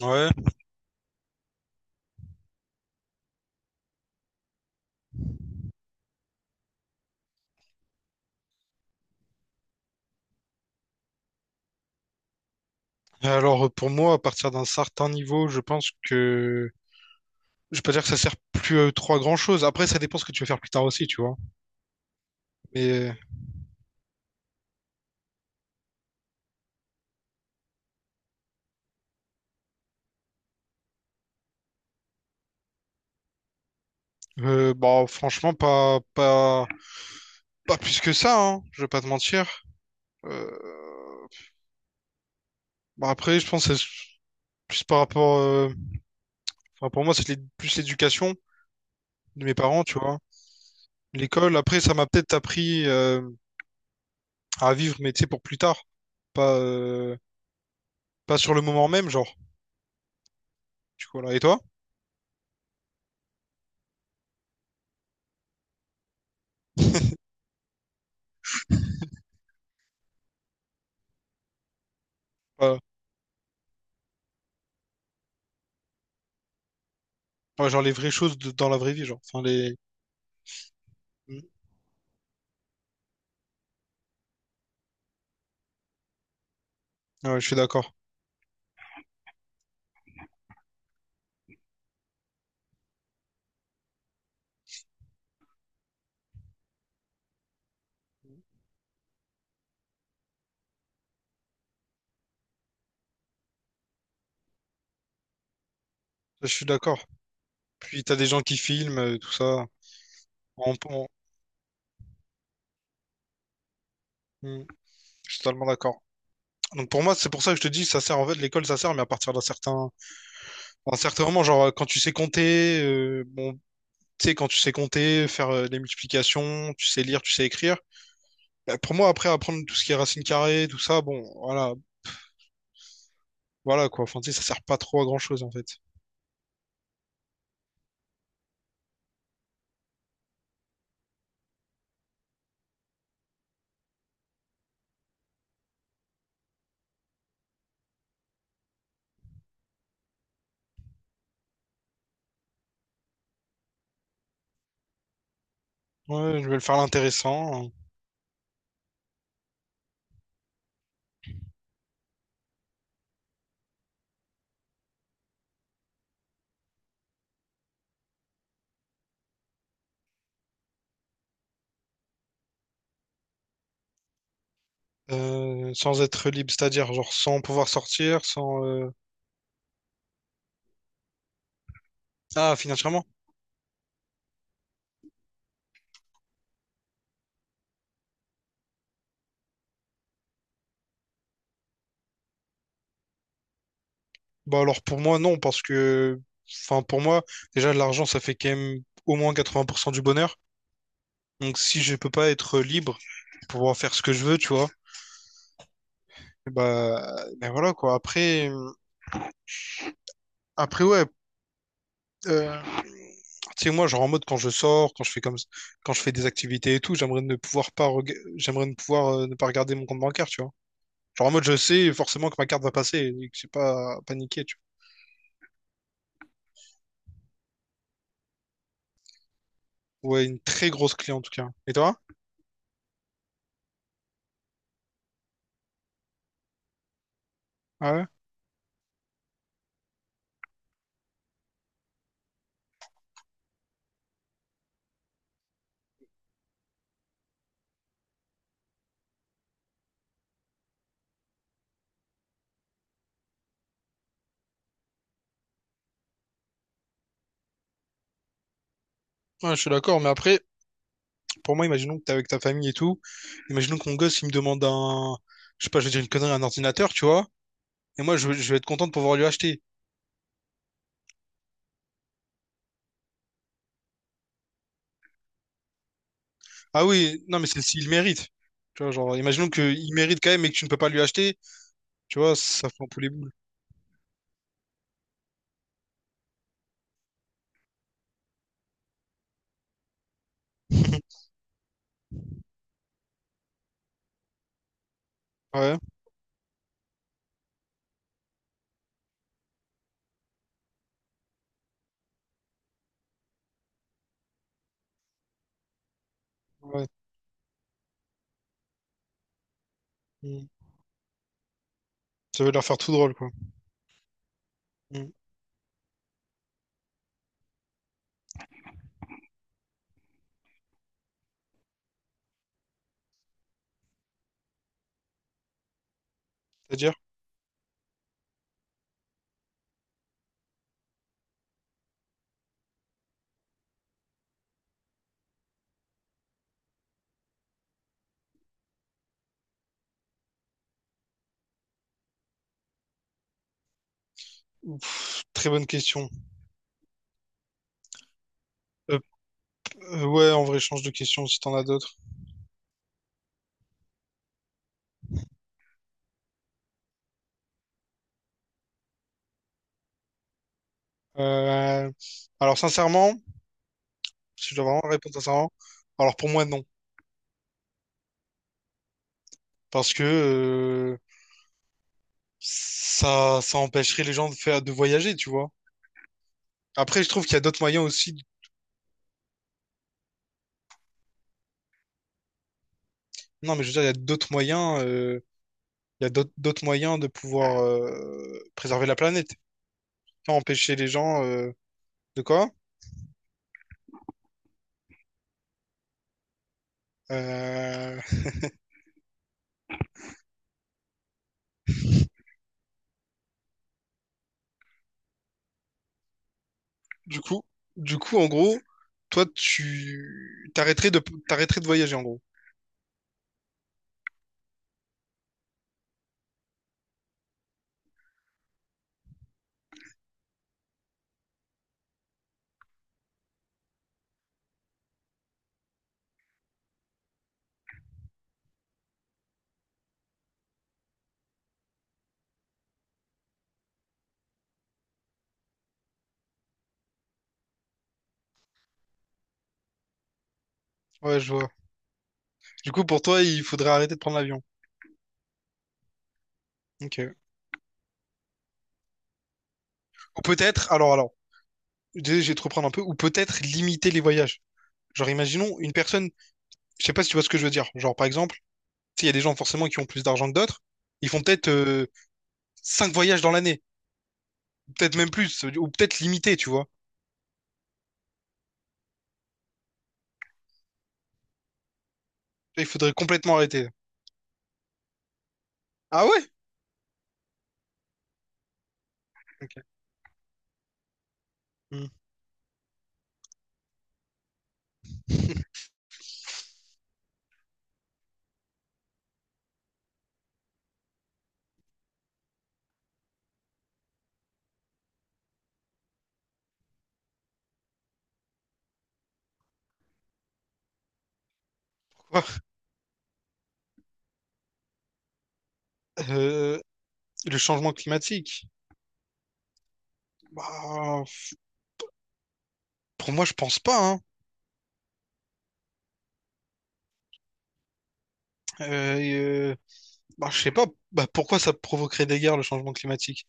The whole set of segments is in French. Ouais. Alors, pour moi, à partir d'un certain niveau, je pense que je peux pas dire que ça sert plus à trois grand-chose. Après, ça dépend ce que tu veux faire plus tard aussi, tu vois. Mais bah franchement, pas plus que ça, hein. Je vais pas te mentir. Euh, bah après, je pense que c'est plus par rapport. Enfin pour moi, c'est plus l'éducation de mes parents, tu vois. L'école. Après, ça m'a peut-être appris à vivre, mais tu sais pour plus tard, pas euh, pas sur le moment même, genre. Du coup, là. Et toi? Pas- Ouais, genre les vraies choses de- dans la vraie vie, genre. Enfin, les... Mm. Ouais, je suis d'accord. Je suis d'accord. Puis t'as des gens qui filment, tout ça. On, on- Mm. Je suis totalement d'accord. Donc pour moi, c'est pour ça que je te dis, ça sert en fait l'école, ça sert, mais à partir d'un certain moment, genre, quand tu sais compter, bon, tu sais quand tu sais compter, faire des multiplications, tu sais lire, tu sais écrire. Bah, pour moi, après apprendre tout ce qui est racine carrée, tout ça, bon, voilà, voilà quoi. Enfin, tu sais, ça sert pas trop à grand chose en fait. Ouais, je vais le faire l'intéressant, sans être libre, c'est-à-dire genre sans pouvoir sortir, sans. Ah, financièrement? Bah alors pour moi, non, parce que, enfin pour moi, déjà l'argent, ça fait quand même au moins 80% du bonheur. Donc si je peux pas être libre pour pouvoir faire ce que je veux, tu vois, bah, ben voilà quoi. Après, ouais, euh, tu sais moi, genre en mode quand je sors, quand je fais comme, quand je fais des activités et tout, j'aimerais ne pouvoir ne pas regarder mon compte bancaire, tu vois. Genre en mode je sais forcément que ma carte va passer et que j'ai pas à paniquer, tu vois. Ouais, une très grosse clé en tout cas. Et toi? Ouais, ouais, je suis d'accord, mais après. Pour moi, imaginons que t'es avec ta famille et tout. Imaginons que mon gosse, il me demande un, je sais pas, je vais dire une connerie, un ordinateur, tu vois. Et moi, je vais être content de pouvoir lui acheter. Ah oui, non, mais c'est s'il mérite. Tu vois, genre, imaginons qu'il mérite quand même et que tu ne peux pas lui acheter. Tu vois, ça fait un peu les boules. Ouais, ouais. Mm. Ça veut leur faire tout drôle, quoi. Mm. C'est-à-dire? Ouf, très bonne question. Euh, ouais, en vrai, change de question si t'en as d'autres. Euh, alors, sincèrement, si je dois vraiment répondre sincèrement, alors pour moi, non. Parce que ça, ça empêcherait les gens de faire, de voyager, tu vois. Après, je trouve qu'il y a d'autres moyens aussi. Non, mais je veux dire, il y a d'autres moyens, il y a d'autres moyens de pouvoir préserver la planète, pas empêcher les gens de quoi? Euh, du coup, du coup, en gros, toi, tu t'arrêterais de voyager, en gros. Ouais, je vois. Du coup, pour toi, il faudrait arrêter de prendre l'avion. Ok. Ou peut-être, alors, désolé, je vais te reprendre un peu. Ou peut-être limiter les voyages. Genre, imaginons une personne. Je sais pas si tu vois ce que je veux dire. Genre, par exemple. Sais, il y a des gens forcément qui ont plus d'argent que d'autres. Ils font peut-être 5 voyages dans l'année, peut-être même plus, ou peut-être limité, tu vois. Il faudrait complètement arrêter. Ah ouais? Ok. Hmm. Quoi? Euh, le changement climatique? Bah, pour moi, je pense pas, hein. Euh, et, euh, bah, je sais pas. Bah, pourquoi ça provoquerait des guerres, le changement climatique?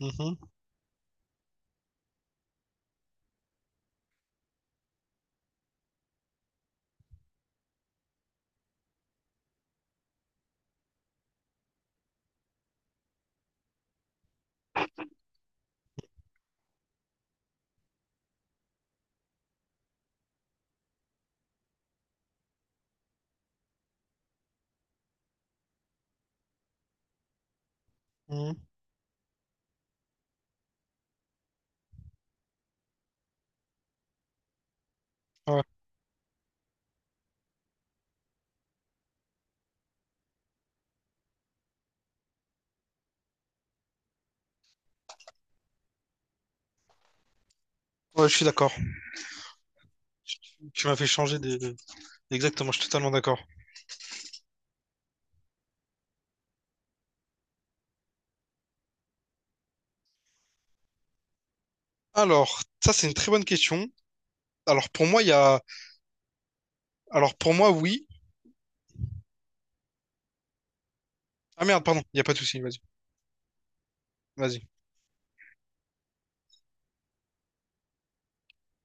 Mhm, mhm. Ouais. Ouais, je suis d'accord. Tu, tu m'as fait changer exactement, je suis totalement d'accord. Alors, ça, c'est une très bonne question. Alors, pour moi, il y a... Alors, pour moi, oui. Ah merde, pardon, il n'y a pas de souci, vas-y. Vas-y.